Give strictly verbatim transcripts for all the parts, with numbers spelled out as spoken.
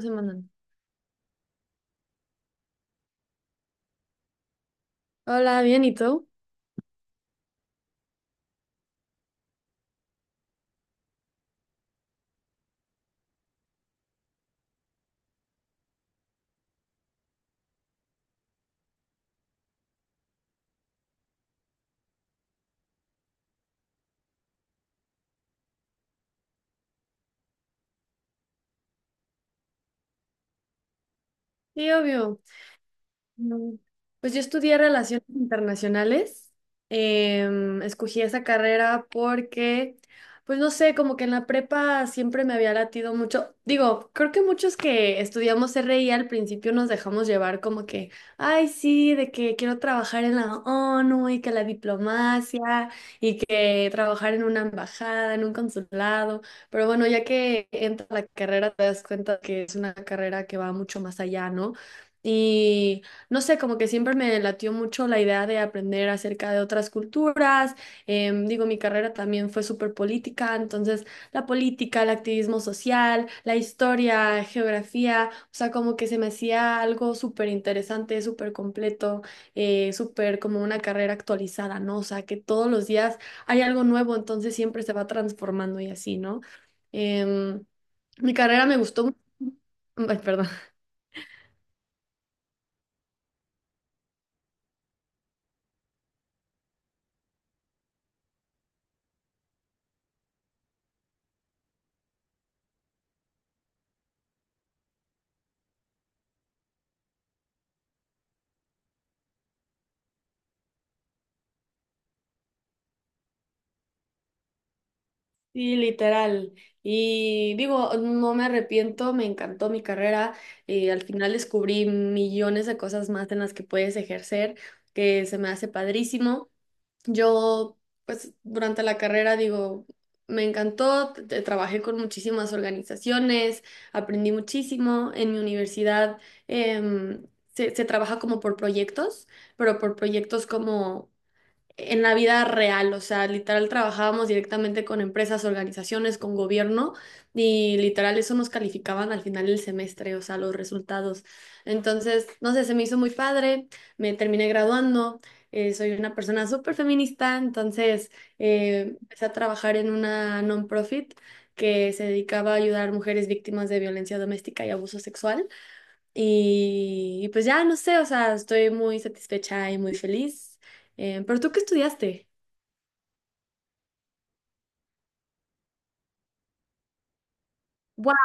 Se Hola, bien, ¿y tú? Sí, obvio. No. Pues yo estudié relaciones internacionales. Em, escogí esa carrera porque, pues no sé, como que en la prepa siempre me había latido mucho. Digo, creo que muchos que estudiamos R I al principio nos dejamos llevar como que, ay, sí, de que quiero trabajar en la ONU y que la diplomacia y que trabajar en una embajada, en un consulado. Pero bueno, ya que entra la carrera, te das cuenta que es una carrera que va mucho más allá, ¿no? Y no sé, como que siempre me latió mucho la idea de aprender acerca de otras culturas. Em, digo, mi carrera también fue súper política, entonces la política, el activismo social, la historia, geografía, o sea, como que se me hacía algo súper interesante, súper completo, eh, súper como una carrera actualizada, ¿no? O sea, que todos los días hay algo nuevo, entonces siempre se va transformando y así, ¿no? Em, Mi carrera me gustó. mu- Ay, perdón. Sí, literal. Y digo, no me arrepiento, me encantó mi carrera. Eh, al final descubrí millones de cosas más en las que puedes ejercer, que se me hace padrísimo. Yo, pues, durante la carrera, digo, me encantó, t- t- trabajé con muchísimas organizaciones, aprendí muchísimo. En mi universidad, em, se, se trabaja como por proyectos, pero por proyectos como en la vida real, o sea, literal trabajábamos directamente con empresas, organizaciones, con gobierno y literal eso nos calificaban al final del semestre, o sea, los resultados. Entonces, no sé, se me hizo muy padre, me terminé graduando, eh, soy una persona súper feminista, entonces eh, empecé a trabajar en una non-profit que se dedicaba a ayudar a mujeres víctimas de violencia doméstica y abuso sexual. Y, y pues ya, no sé, o sea, estoy muy satisfecha y muy feliz. Eh, ¿pero tú qué estudiaste? ¡Guau!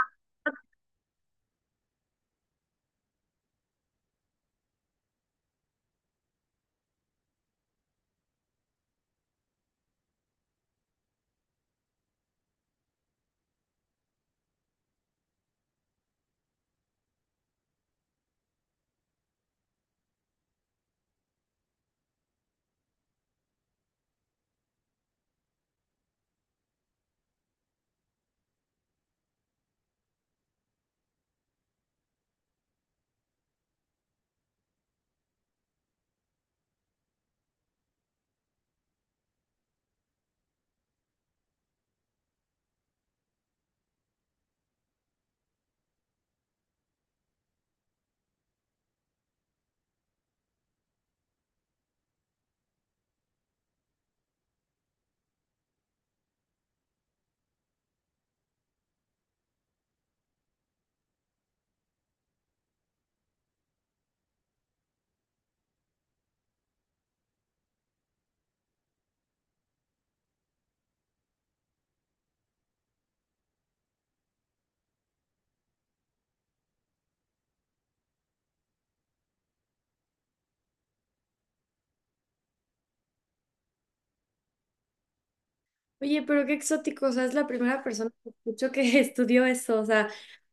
Oye, pero qué exótico, o sea, es la primera persona que escucho que estudió eso, o sea,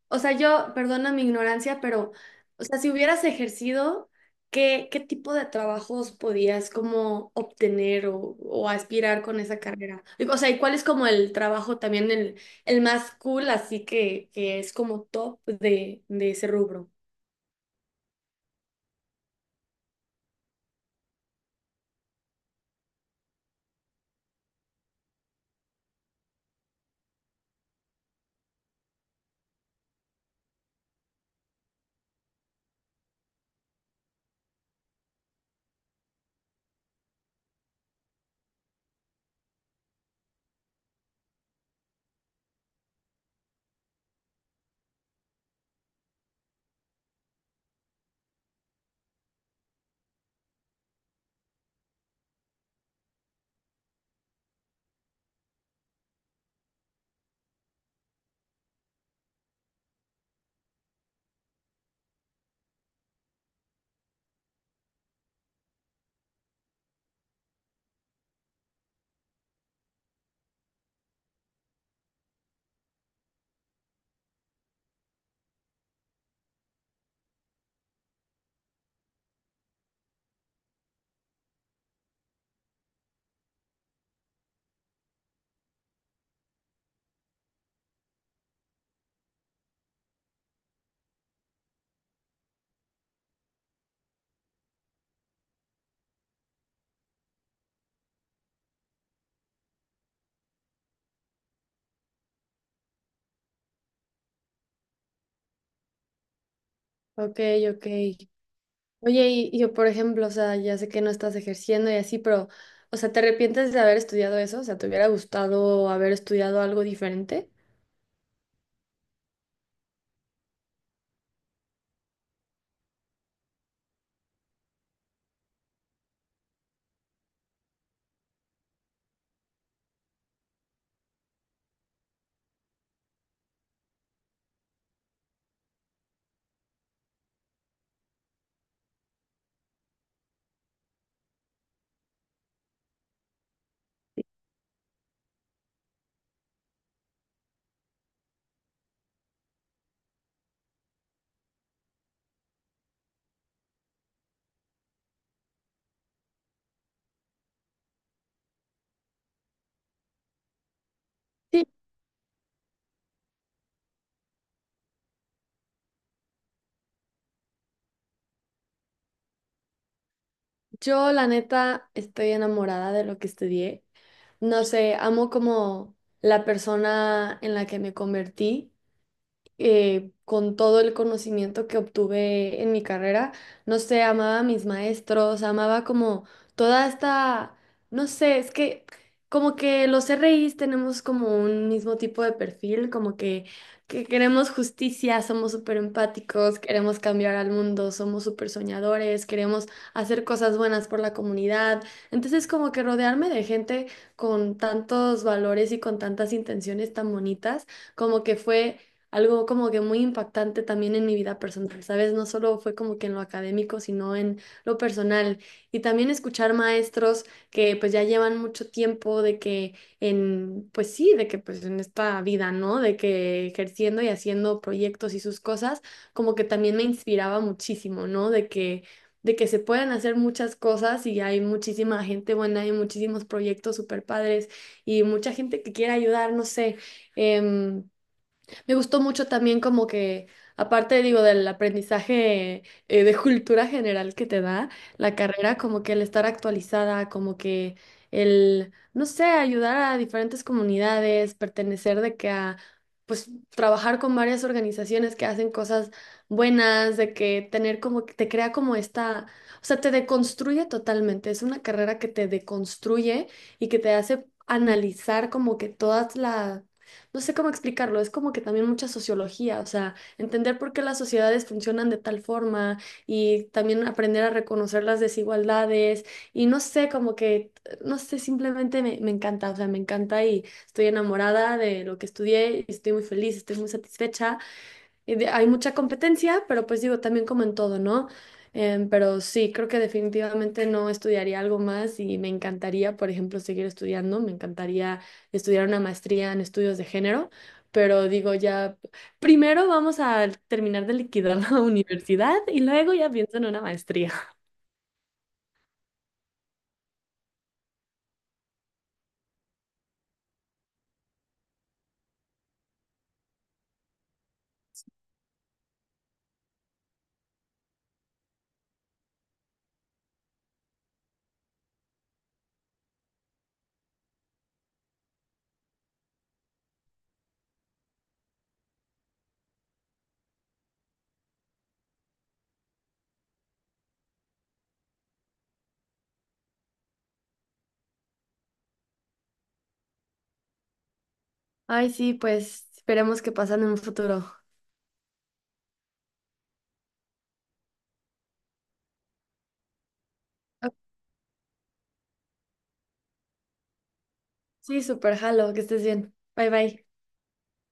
o sea, yo, perdona mi ignorancia, pero, o sea, si hubieras ejercido, ¿qué, qué tipo de trabajos podías como obtener o, o aspirar con esa carrera? Y, o sea, ¿y cuál es como el trabajo también el, el más cool, así que, que es como top de, de ese rubro? Ok, ok. Oye, y, y yo, por ejemplo, o sea, ya sé que no estás ejerciendo y así, pero, o sea, ¿te arrepientes de haber estudiado eso? O sea, ¿te hubiera gustado haber estudiado algo diferente? Sí, yo la neta estoy enamorada de lo que estudié. No sé, amo como la persona en la que me convertí. Eh, con todo el conocimiento que obtuve en mi carrera, no sé, amaba a mis maestros, amaba como toda esta, no sé, es que como que los R Is tenemos como un mismo tipo de perfil, como que, que queremos justicia, somos súper empáticos, queremos cambiar al mundo, somos súper soñadores, queremos hacer cosas buenas por la comunidad. Entonces como que rodearme de gente con tantos valores y con tantas intenciones tan bonitas, como que fue algo como que muy impactante también en mi vida personal, ¿sabes? No solo fue como que en lo académico, sino en lo personal. Y también escuchar maestros que pues ya llevan mucho tiempo de que en, pues sí, de que pues en esta vida, ¿no? De que ejerciendo y haciendo proyectos y sus cosas, como que también me inspiraba muchísimo, ¿no? De que... de que se pueden hacer muchas cosas y hay muchísima gente buena, hay muchísimos proyectos super padres y mucha gente que quiere ayudar, no sé. em, Me gustó mucho también como que, aparte digo, del aprendizaje eh, de cultura general que te da la carrera, como que el estar actualizada, como que el, no sé, ayudar a diferentes comunidades, pertenecer de que a, pues, trabajar con varias organizaciones que hacen cosas buenas, de que tener como, que te crea como esta, o sea, te deconstruye totalmente. Es una carrera que te deconstruye y que te hace analizar como que todas las no sé cómo explicarlo, es como que también mucha sociología, o sea, entender por qué las sociedades funcionan de tal forma y también aprender a reconocer las desigualdades y no sé, como que, no sé, simplemente me, me encanta, o sea, me encanta y estoy enamorada de lo que estudié y estoy muy feliz, estoy muy satisfecha. Y de- hay mucha competencia, pero pues digo, también como en todo, ¿no? Em, pero sí, creo que definitivamente no estudiaría algo más y me encantaría, por ejemplo, seguir estudiando, me encantaría estudiar una maestría en estudios de género, pero digo, ya primero vamos a terminar de liquidar la universidad y luego ya pienso en una maestría. Ay, sí, pues esperemos que pasen en un futuro. Ah, sí, súper jalo, que estés bien. Bye bye.